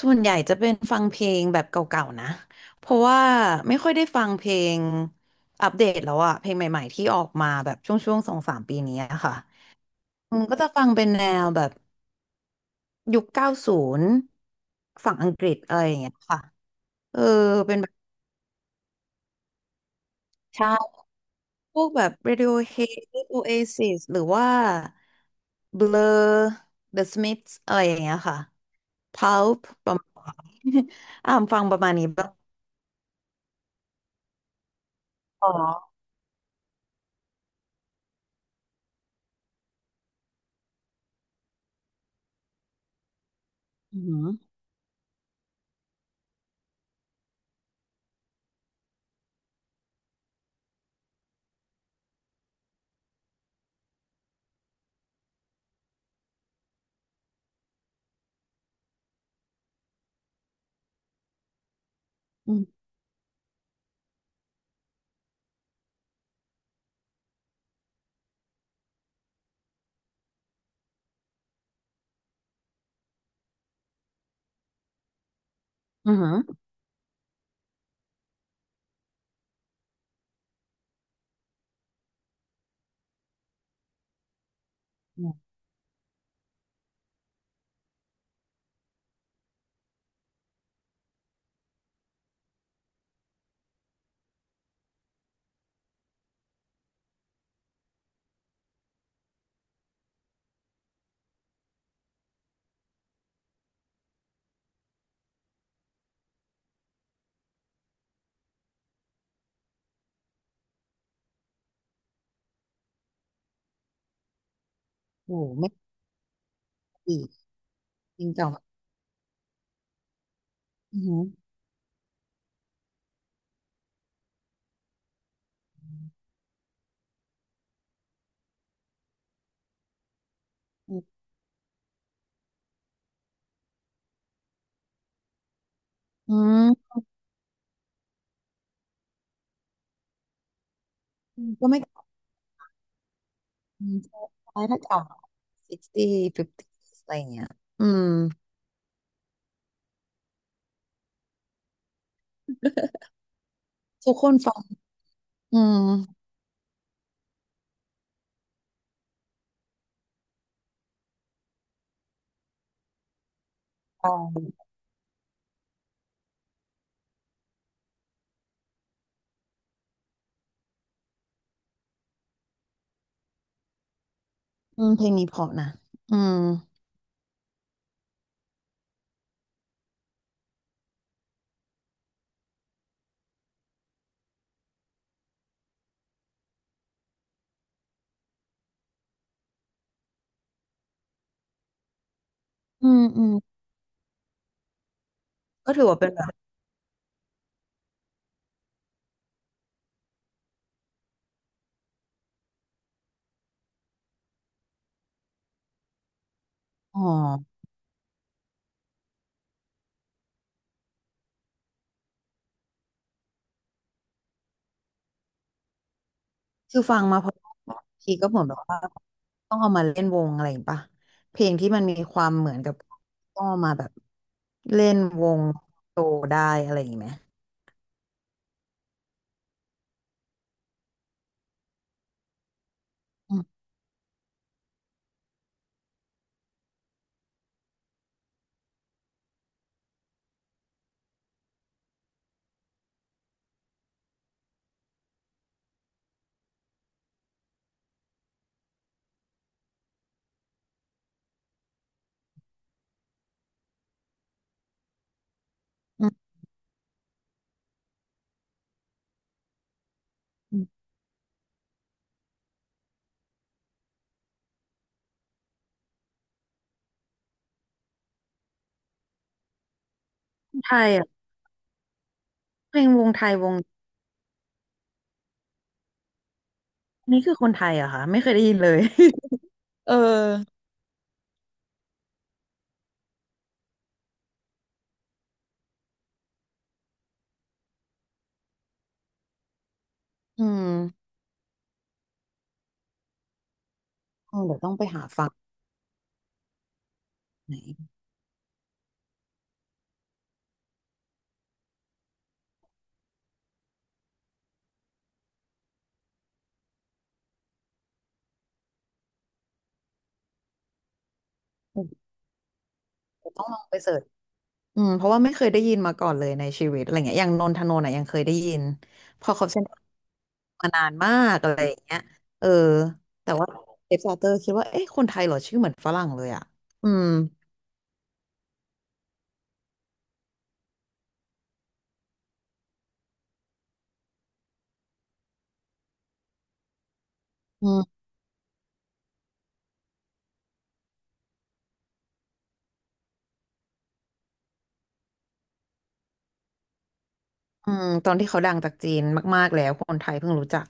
ส่วนใหญ่จะเป็นฟังเพลงแบบเก่าๆนะ เพราะว่าไม่ค่อยได้ฟังเพลงอัปเดตแล้วอะเพลงใหม่ๆที่ออกมาแบบช่วงๆสองสามปีนี้อะค่ะอืมก็จะฟังเป็นแนวแบบยุคเก้าศูนย์ฝั่งอังกฤษอะไรอย่างเงี้ยค่ะเออเป็นแบบใช่พวกแบบ Radiohead Oasis หรือว่า Blur The Smiths อะไรอย่างเงี้ยค่ะ Pulp ประมาณ อ่ามฟังประมาณนี้บ้างอ๋ออือหืออืมอือหือ โอ้โหไม่ดีจริงเก่าอือหืออืมก็ไม่อืมใช่ถ้าเก่า 60 50 อะไรอย่างเงี้ยอืมทุกคนฟังอืมฟังอืมเพลงนี้เพราะนะอืมอืมอืมก็ถือว่าเป็นแบบอ๋อคือฟังมาเพราะว่าทีก็เหมือนแบบว่าต้องเอามาเล่นวงอะไรอย่างงี้ป่ะเพลงที่มันมีความเหมือนกับต้องเอามาแบบเล่นวงโตได้อะไรอย่างงี้ไหมอืมอืมอืมไทยอ่ะเพลงวงไทยวง อันนี่คือคนไทยเหรอะค่ะไม่เคยได้ยินเลย เอออืมอืมเดี๋ยวต้องไปหาฟังไหนอืมเดี๋ยวต้องลองไปเสิร์ชอืมเพราะว่าไม่เคยได้ยินมาก่อนเลยในชีวิตอะไรเงี้ยอย่างนนทนนท์อ่ะยังเคยได้ยินพอเขาเซ็นมานานมากอะไรอย่างเงี้ยเออแต่ว่าเอฟซาเตอร์คิดว่าเอ๊ะคนไทยเหรอชื่อเหมือนฝรั่งเลยอะอืมอืมอืมตอนที่เขาดังจากจีนมากๆแล้วคนไทยเพิ่งรู้จัก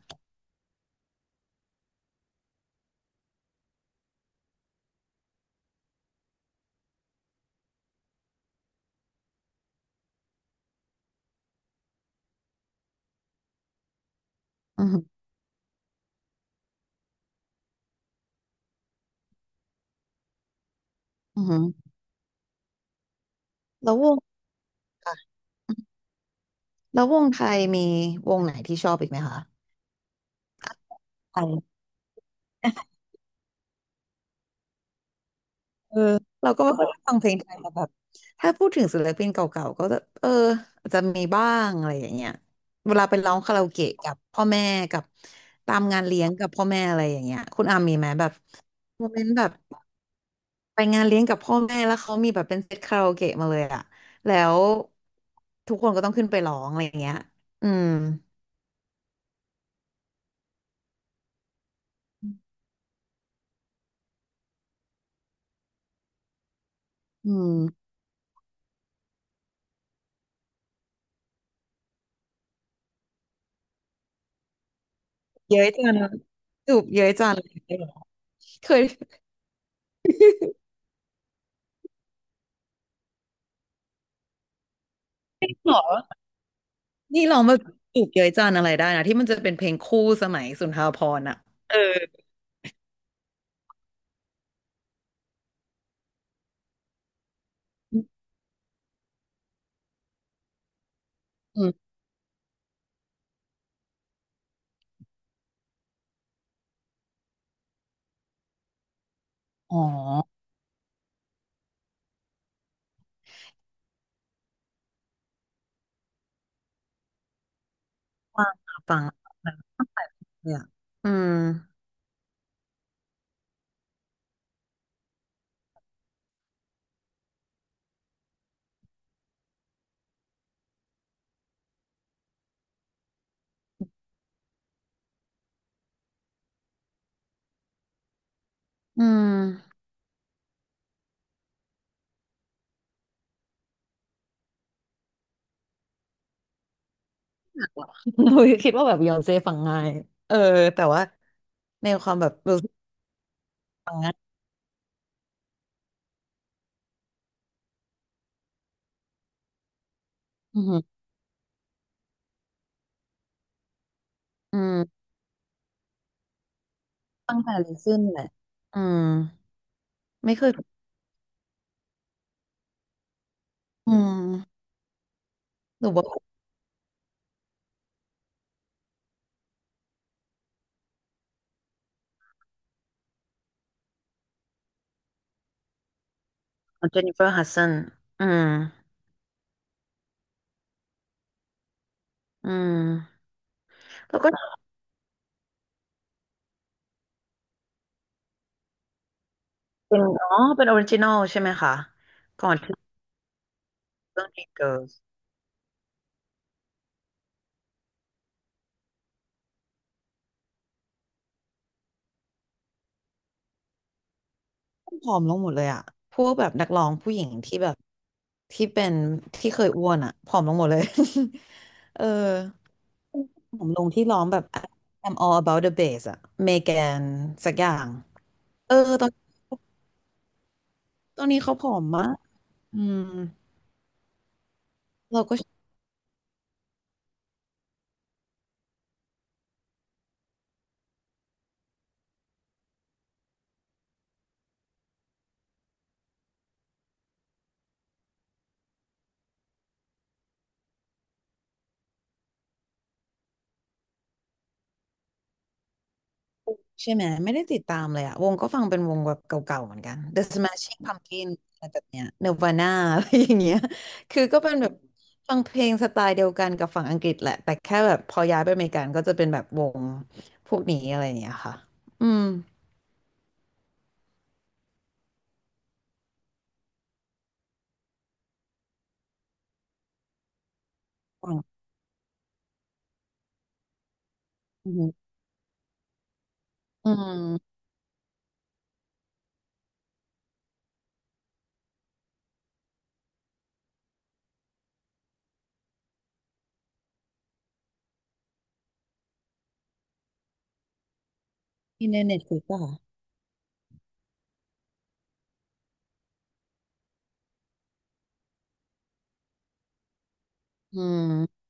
อืมออือหือแล้ววงค่ะแล้ววงไทยมีวงไหนที่ชอบอีกไหมคะ เออเราก็ไม่ค่อยได้ฟังเพลงไทยแต่แบบถ้าพูดถึงศิลปินเก่าๆก็จะเอออาจจะมีบ้างอะไรอย่างเงี้ยเวลาไปร้องคาราโอเกะกับพ่อแม่กับตามงานเลี้ยงกับพ่อแม่อะไรอย่างเงี้ยคุณอามมีไหมแบบโมเมนต์แบบไปงานเลี้ยงกับพ่อแม่แล้วเขามีแบบเป็นเซตคาราโอเกะมาเลยอะแล้วทุกคนก็ต้องขึ้นไปร้องอะไรอย่างเงี้ยอืมอืมเย้ยจังจูบเย้ยจังเคยหรอ นี่รองมาจีบเย้ยจันอะไรได้นะที่มันจะเป็นเพลงคู่สมัยสุนทรภรณ์อ่ะเอออืมอ๋อฟังอะฟังอะเนี่ยอ่ะอืมอืม อุ๊ยคิดว่าแบบยอนเซ่ฟังง่ายเออแต่ว่าในความแบบรู้สึกฟังง่ายอืมอืมตั้งแต่ลิซึนแหละอืมไม่เคยอืมหรือว่าเจนนิเฟอร์ฮัดสันอืมอืมแล้วก็เป็นอ๋อเป็นออริจินอลใช่ไหมคะก่อนที่เรื่อง Mean Girls ผอมลงหมดเลยอะพวกแบบนักร้องผู้หญิงที่แบบที่เป็นที่เคยอ้วนอะผอมลงหมดเลย เออผอมลงที่ร้องแบบ I'm all about the bass อะเมแกนสักอย่างเออตอนตอนนี้เขาผอมมากอืมเราก็ ใช่ไหมไม่ได้ติดตามเลยอะวงก็ฟังเป็นวงแบบเก่าๆเหมือนกัน The Smashing Pumpkins อะไรแบบเนี้ย Nirvana อะไรอย่างเงี้ยคือก็เป็นแบบฟังเพลงสไตล์เดียวกันกับฝั่งอังกฤษแหละแต่แค่แบบพอย้ายไปอเมริกันก็จะเป็นแบบวงพวกนี้อะไรอย่างเงี้ยค่ะอืมฟังอืมอืมที่ในเน็ตฟลิกซ์อะค่ะอืม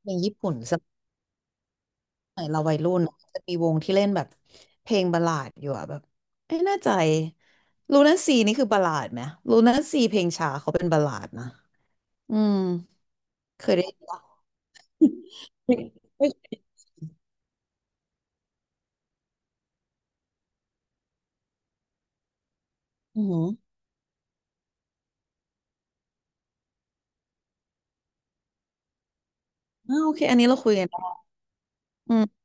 เพลงญี่ปุ่น ไหนเราวัยรุ่นจะมีวงที่เล่นแบบเพลงบัลลาดอยู่อะแบบไม่แน่ใจลูน่าซีนี่คือบัลลาดไหมลูน่าซีเพลงช้าเขาเป็นบัลลาดนะอืมเคยได้ยินปะไม่ไม่อือหืออ่าโอเคอันนี้เราคุยกันได้อืม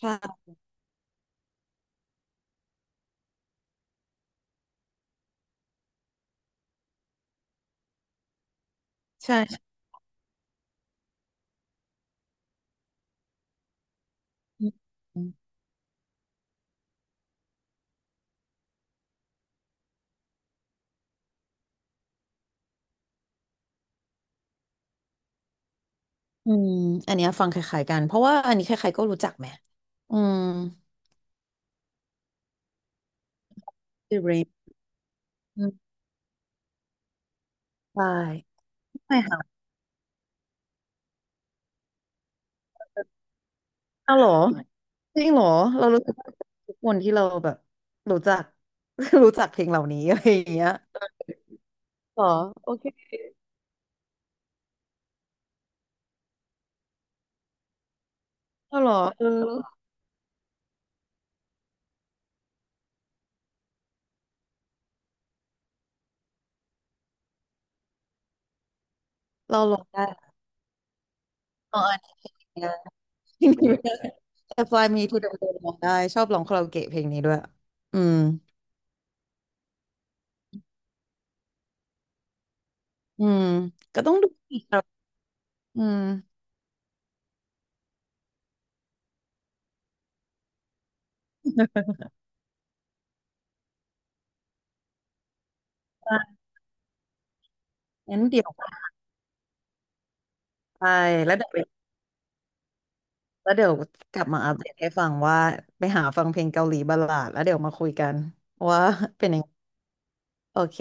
ใช่ใช่ใช่อืมอืมอันเนี้ยฟังคล้ายๆกันเพราะว่าอันนี้ใครๆก็รู้จักไหมอืม The Rain อืมใช่ไม่ค่ะเอ้าเหรอจริงเหรอเรารู้ ทุกคนที่เราแบบรู้จัก รู้จักเพลงเหล่านี้ อะไรอย่างเงี้ยหรอโอเคเราหรอเออเราลองได้ลองอันนเพนะ แต่ Fly Me to the Moon ลองได้ชอบร้องคาราโอเกะเพลงนี้ด้วยอืมอืมก็ต้องดูอีกครับอืมอ่ะงั้นเดี๋ยวไปแล้วเดี๋ยวไปแล้วเดี๋ยวกลับมาอัปเดตให้ฟังว่าไปหาฟังเพลงเกาหลีบัลลาดแล้วเดี๋ยวมาคุยกันว่าเป็นยังไงโอเค